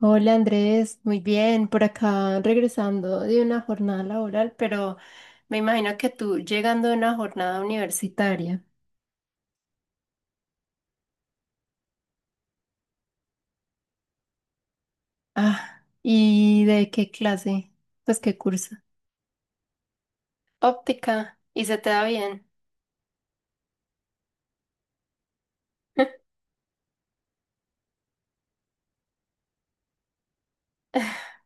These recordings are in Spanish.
Hola Andrés, muy bien, por acá regresando de una jornada laboral, pero me imagino que tú llegando de una jornada universitaria. Ah, ¿y de qué clase? Pues qué curso. Óptica, ¿y se te da bien?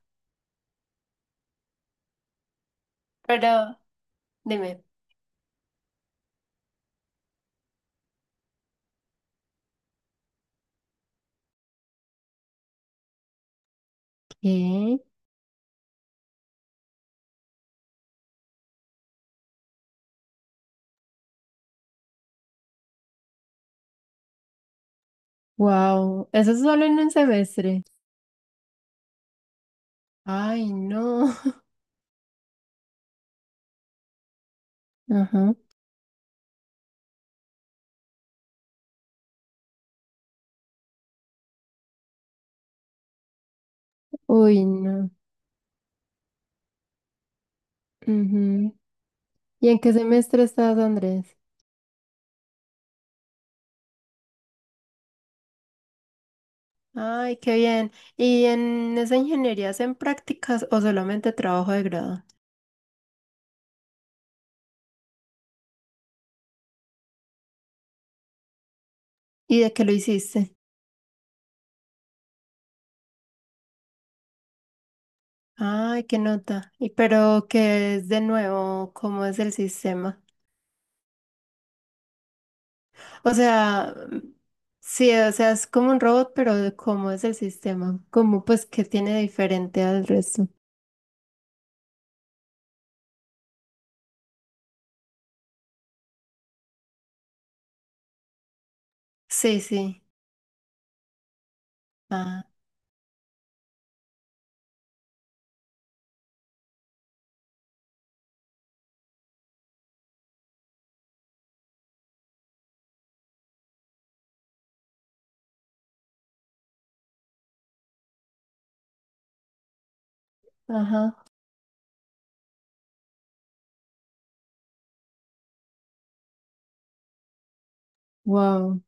Pero dime. ¿Qué? Wow, eso es solo en un semestre. Ay, no. Ajá. Uy, no. Ujú. ¿Y en qué semestre estás, Andrés? Ay, qué bien. ¿Y en esa ingeniería hacen prácticas o solamente trabajo de grado? ¿Y de qué lo hiciste? Ay, qué nota. ¿Y pero qué es de nuevo? ¿Cómo es el sistema? O sea, sí, o sea, es como un robot, pero de ¿cómo es el sistema? ¿Cómo, pues qué tiene de diferente al resto? Sí, sí. Ah, ajá. Wow,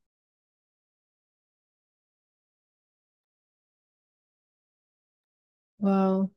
wow.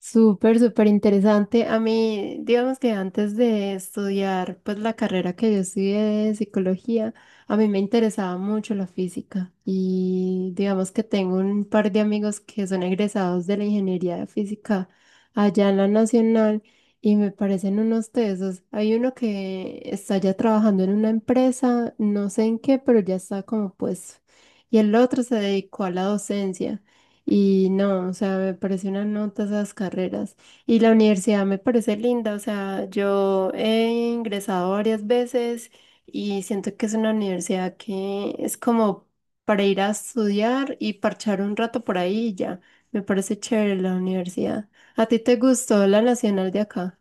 Súper, súper interesante. A mí, digamos que antes de estudiar pues la carrera que yo estudié de psicología, a mí me interesaba mucho la física y digamos que tengo un par de amigos que son egresados de la ingeniería de física allá en la Nacional y me parecen unos tesos. Hay uno que está ya trabajando en una empresa, no sé en qué, pero ya está como pues, y el otro se dedicó a la docencia. Y no, o sea, me parece una nota esas carreras. Y la universidad me parece linda, o sea, yo he ingresado varias veces y siento que es una universidad que es como para ir a estudiar y parchar un rato por ahí y ya. Me parece chévere la universidad. ¿A ti te gustó la nacional de acá?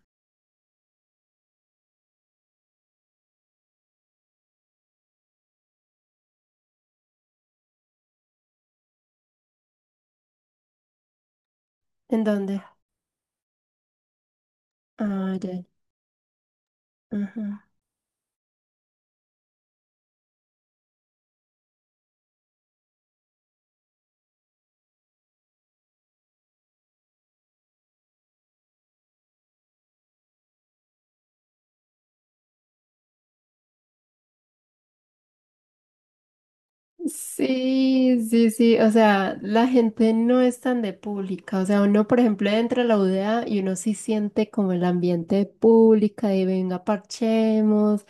¿En dónde? Ah, ya. Ajá. Sí, sí, sí, o sea, la gente no es tan de pública, o sea, uno, por ejemplo, entra a la UDA y uno sí siente como el ambiente de pública y venga, parchemos.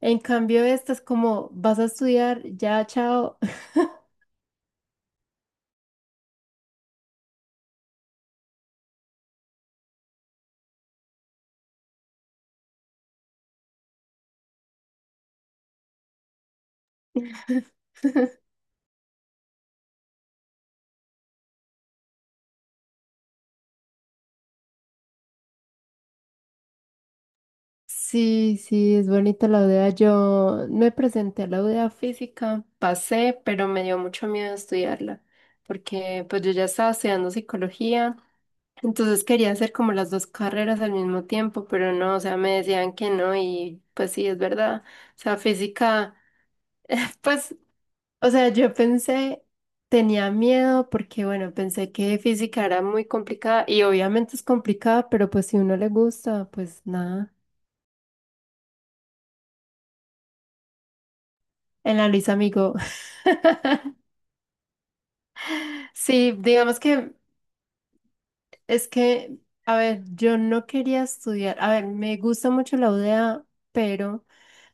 En cambio, esta es como, vas a estudiar, ya, chao. Sí, sí, es bonita la UDA. Yo me presenté a la UDA física, pasé, pero me dio mucho miedo estudiarla, porque pues yo ya estaba estudiando psicología. Entonces quería hacer como las dos carreras al mismo tiempo, pero no, o sea, me decían que no y pues sí, es verdad. O sea, física, pues, o sea, yo pensé, tenía miedo porque, bueno, pensé que física era muy complicada y obviamente es complicada, pero pues si uno le gusta, pues nada. En la Luis amigo. Sí, digamos que es que, a ver, yo no quería estudiar. A ver, me gusta mucho la UDA, pero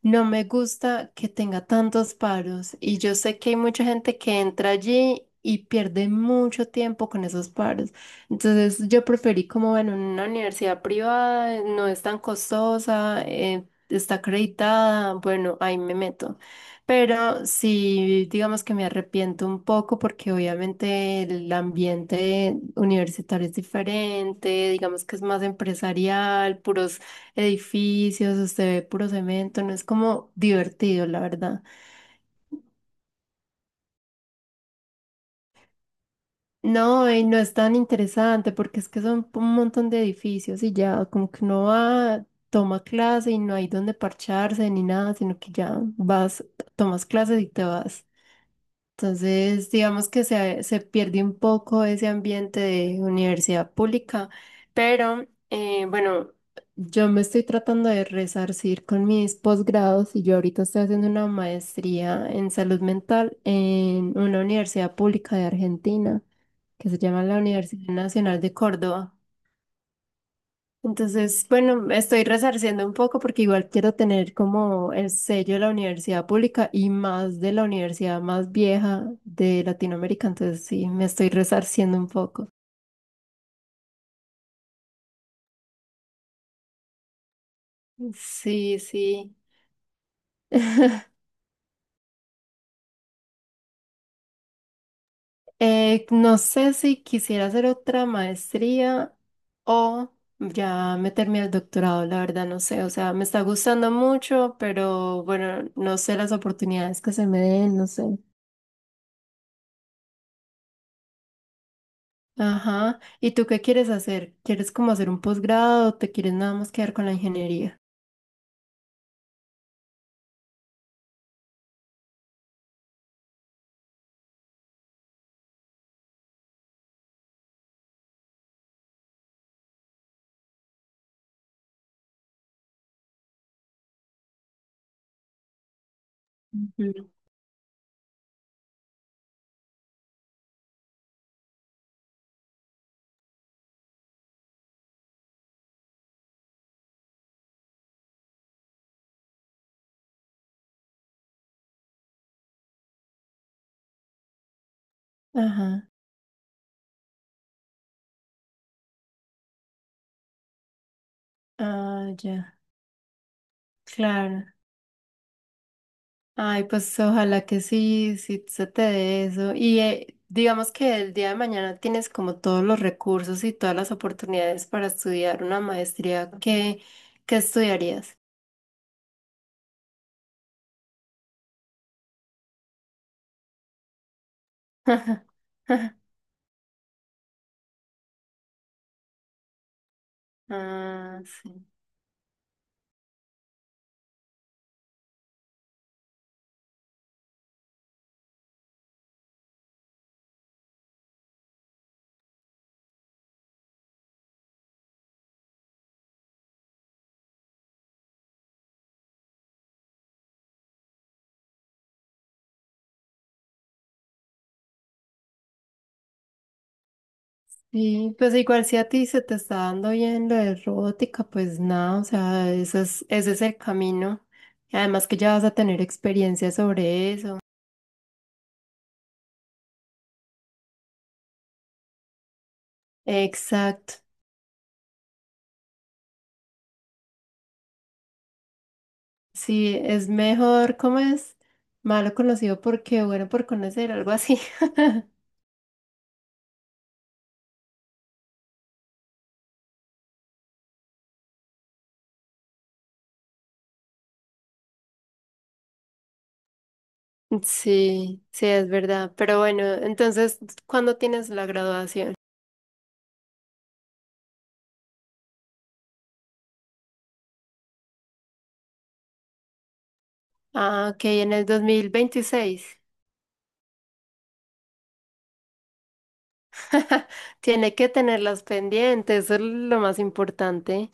no me gusta que tenga tantos paros. Y yo sé que hay mucha gente que entra allí y pierde mucho tiempo con esos paros. Entonces, yo preferí como, bueno, una universidad privada, no es tan costosa, está acreditada. Bueno, ahí me meto. Pero sí, digamos que me arrepiento un poco porque obviamente el ambiente universitario es diferente, digamos que es más empresarial, puros edificios, usted ve puro cemento, no es como divertido, la verdad. No, y no es tan interesante porque es que son un montón de edificios y ya como que uno va, toma clase y no hay donde parcharse ni nada, sino que ya vas, tomas clases y te vas. Entonces, digamos que se pierde un poco ese ambiente de universidad pública, pero bueno, yo me estoy tratando de resarcir con mis posgrados y yo ahorita estoy haciendo una maestría en salud mental en una universidad pública de Argentina que se llama la Universidad Nacional de Córdoba. Entonces, bueno, estoy resarciendo un poco porque igual quiero tener como el sello de la universidad pública y más de la universidad más vieja de Latinoamérica. Entonces, sí, me estoy resarciendo un poco. Sí, sí. No sé si quisiera hacer otra maestría o ya meterme al doctorado, la verdad no sé, o sea, me está gustando mucho, pero bueno, no sé las oportunidades que se me den, no sé. Ajá. ¿Y tú qué quieres hacer? ¿Quieres como hacer un posgrado o te quieres nada más quedar con la ingeniería? Ujú. Ajá. Ah, ya. Claro. Ay, pues ojalá que sí, sí se te dé eso. Y digamos que el día de mañana tienes como todos los recursos y todas las oportunidades para estudiar una maestría. ¿Qué, qué estudiarías? Ah, sí. Y pues igual si a ti se te está dando bien lo de robótica, pues nada, o sea, ese es el camino. Y además que ya vas a tener experiencia sobre eso. Exacto. Sí, es mejor, ¿cómo es? Malo conocido porque bueno por conocer, algo así. Sí, sí, es verdad. Pero bueno, entonces, ¿cuándo tienes la graduación? Ah, ok, en el 2026. Tiene que tenerlas pendientes, eso es lo más importante.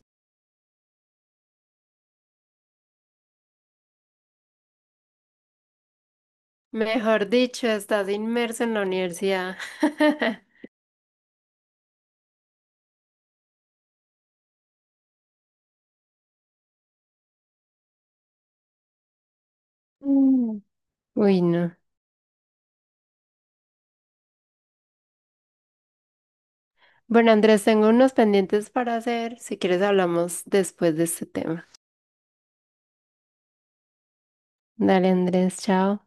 Mejor dicho, estás inmerso en la universidad. Mm. Uy, no. Bueno, Andrés, tengo unos pendientes para hacer. Si quieres, hablamos después de este tema. Dale, Andrés, chao.